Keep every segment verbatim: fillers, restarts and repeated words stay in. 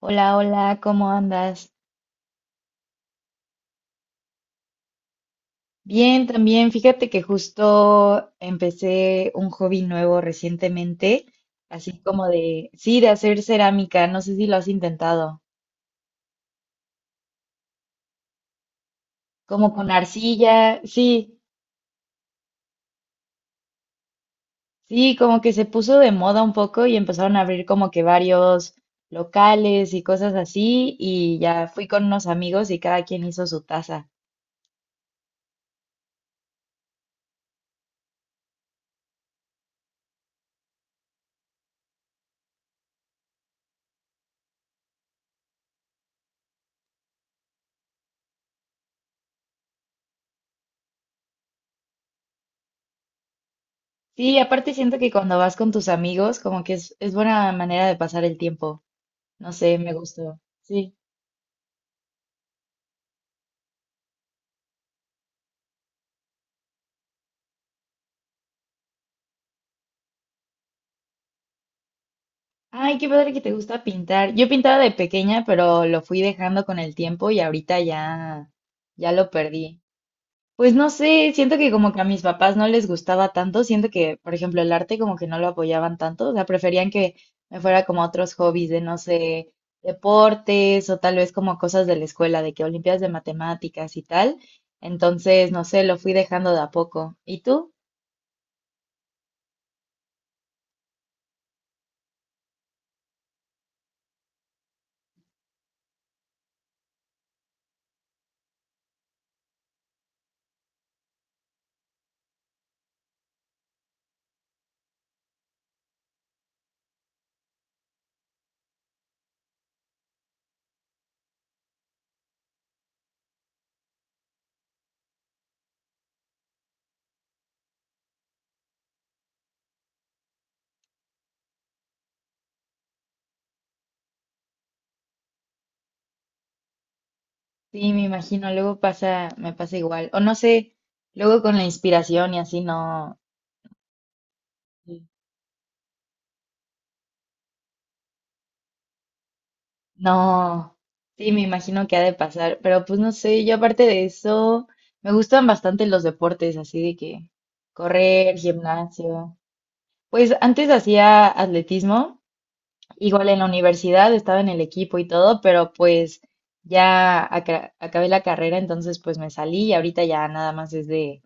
Hola, hola, ¿cómo andas? Bien, también. Fíjate que justo empecé un hobby nuevo recientemente, así como de, sí, de hacer cerámica. No sé si lo has intentado. Como con arcilla, sí, sí, como que se puso de moda un poco y empezaron a abrir como que varios locales y cosas así. Y ya fui con unos amigos y cada quien hizo su taza. Sí, aparte siento que cuando vas con tus amigos, como que es, es buena manera de pasar el tiempo. No sé, me gustó. Sí. Ay, qué padre que te gusta pintar. Yo pintaba de pequeña, pero lo fui dejando con el tiempo y ahorita ya, ya lo perdí. Pues no sé, siento que como que a mis papás no les gustaba tanto, siento que, por ejemplo, el arte como que no lo apoyaban tanto, o sea, preferían que me fuera como a otros hobbies de, no sé, deportes o tal vez como cosas de la escuela, de que olimpiadas de matemáticas y tal. Entonces, no sé, lo fui dejando de a poco. ¿Y tú? Sí, me imagino, luego pasa, me pasa igual. O no sé, luego con la inspiración y así no, sí. No, sí, me imagino que ha de pasar, pero pues no sé, yo aparte de eso, me gustan bastante los deportes, así de que correr, gimnasio. Pues antes hacía atletismo, igual en la universidad estaba en el equipo y todo, pero pues ya aca- acabé la carrera, entonces pues me salí y ahorita ya nada más es de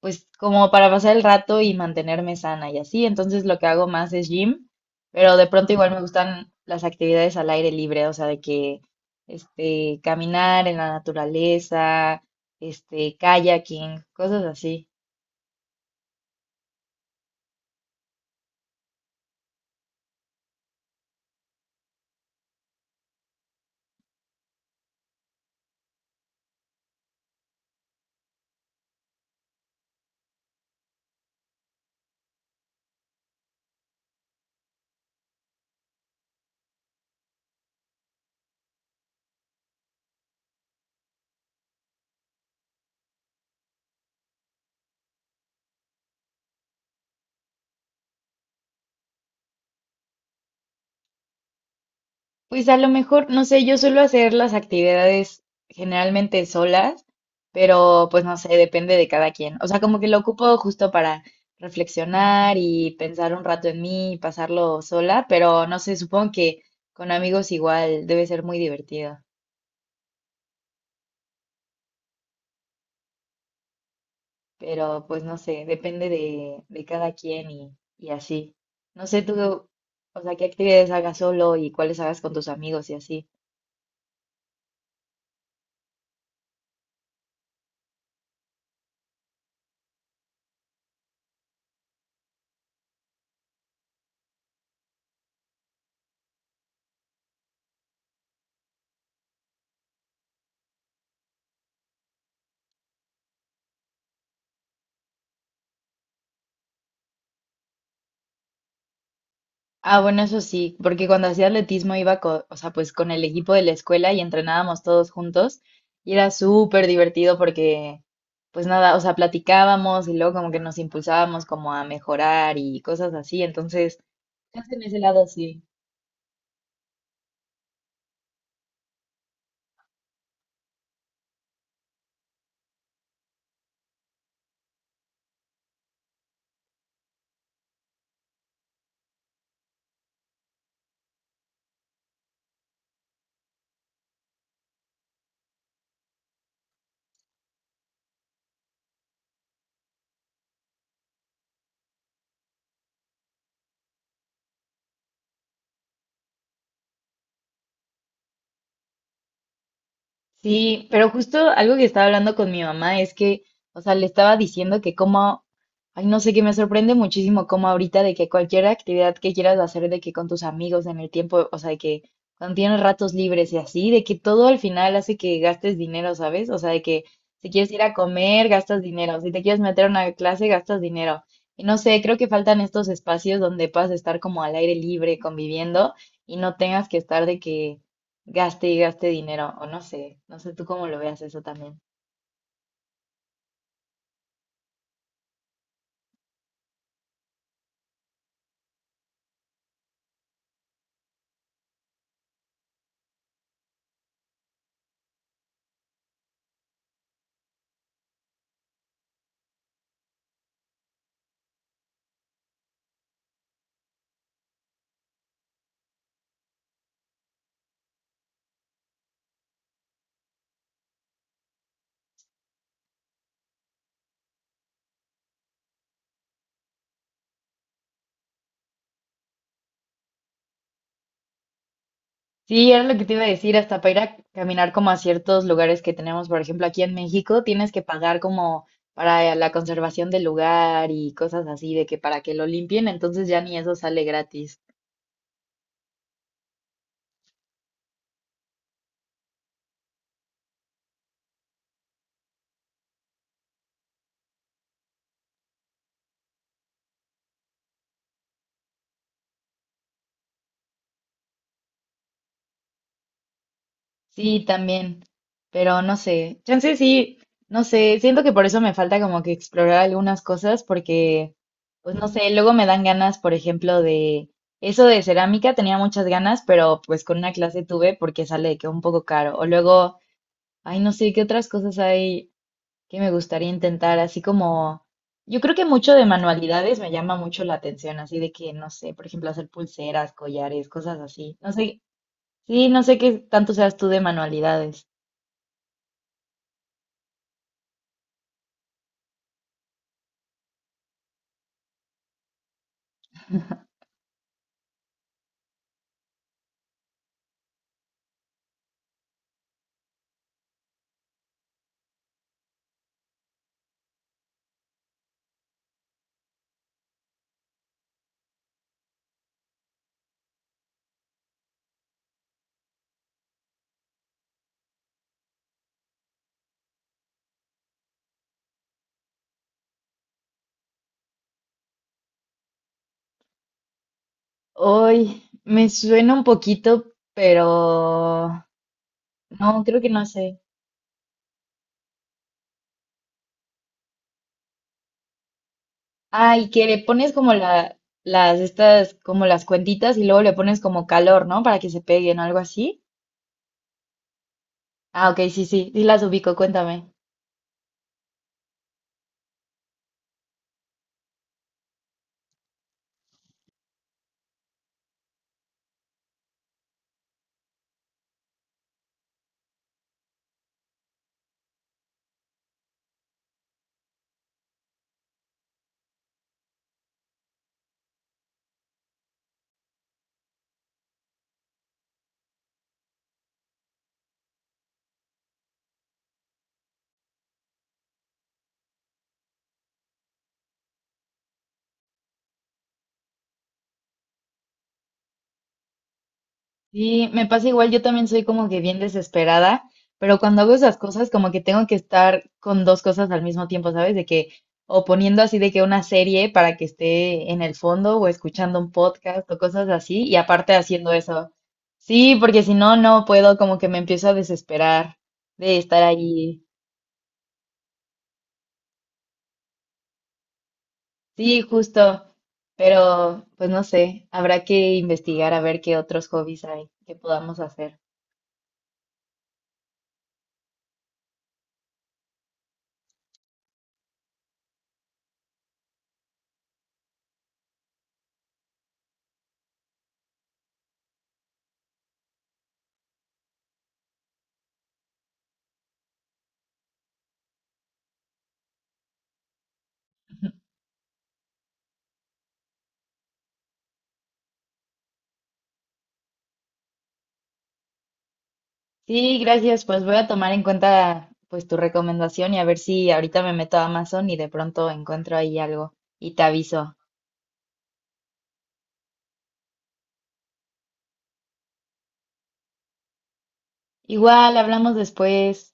pues como para pasar el rato y mantenerme sana y así. Entonces lo que hago más es gym, pero de pronto igual me gustan las actividades al aire libre, o sea, de que este, caminar en la naturaleza, este, kayaking, cosas así. Pues a lo mejor, no sé, yo suelo hacer las actividades generalmente solas, pero pues no sé, depende de cada quien. O sea, como que lo ocupo justo para reflexionar y pensar un rato en mí y pasarlo sola, pero no sé, supongo que con amigos igual debe ser muy divertido, pero pues no sé, depende de, de cada quien y, y así. No sé tú, o sea, qué actividades hagas solo y cuáles hagas con tus amigos y así. Ah, bueno, eso sí, porque cuando hacía atletismo iba co- o sea, pues con el equipo de la escuela y entrenábamos todos juntos y era súper divertido porque, pues nada, o sea, platicábamos y luego como que nos impulsábamos como a mejorar y cosas así, entonces, chance en ese lado sí. Sí, pero justo algo que estaba hablando con mi mamá es que, o sea, le estaba diciendo que como, ay, no sé, que me sorprende muchísimo como ahorita de que cualquier actividad que quieras hacer, de que con tus amigos en el tiempo, o sea, de que cuando tienes ratos libres y así, de que todo al final hace que gastes dinero, ¿sabes? O sea, de que si quieres ir a comer, gastas dinero, si te quieres meter a una clase, gastas dinero. Y no sé, creo que faltan estos espacios donde puedas estar como al aire libre, conviviendo y no tengas que estar de que gaste y gaste dinero, o no sé, no sé tú cómo lo veas eso también. Sí, era lo que te iba a decir, hasta para ir a caminar como a ciertos lugares que tenemos, por ejemplo, aquí en México, tienes que pagar como para la conservación del lugar y cosas así, de que para que lo limpien, entonces ya ni eso sale gratis. Sí, también, pero no sé, chance sí, no sé, siento que por eso me falta como que explorar algunas cosas porque, pues no sé, luego me dan ganas, por ejemplo, de eso de cerámica, tenía muchas ganas, pero pues con una clase tuve porque sale de que un poco caro. O luego, ay, no sé, qué otras cosas hay que me gustaría intentar, así como, yo creo que mucho de manualidades me llama mucho la atención, así de que, no sé, por ejemplo, hacer pulseras, collares, cosas así. No sé, sí, no sé qué tanto seas tú de manualidades. Hoy me suena un poquito, pero no, creo que no sé. Ah, y que le pones como la, las, estas, como las cuentitas y luego le pones como calor, ¿no? Para que se peguen o algo así. Ah, ok, sí, sí, sí las ubico, cuéntame. Sí, me pasa igual, yo también soy como que bien desesperada, pero cuando hago esas cosas como que tengo que estar con dos cosas al mismo tiempo, ¿sabes? De que o poniendo así de que una serie para que esté en el fondo o escuchando un podcast o cosas así y aparte haciendo eso. Sí, porque si no, no puedo, como que me empiezo a desesperar de estar allí. Sí, justo, pero pues no sé, habrá que investigar a ver qué otros hobbies hay que podamos hacer. Sí, gracias. Pues voy a tomar en cuenta pues tu recomendación y a ver si ahorita me meto a Amazon y de pronto encuentro ahí algo y te aviso. Igual, hablamos después.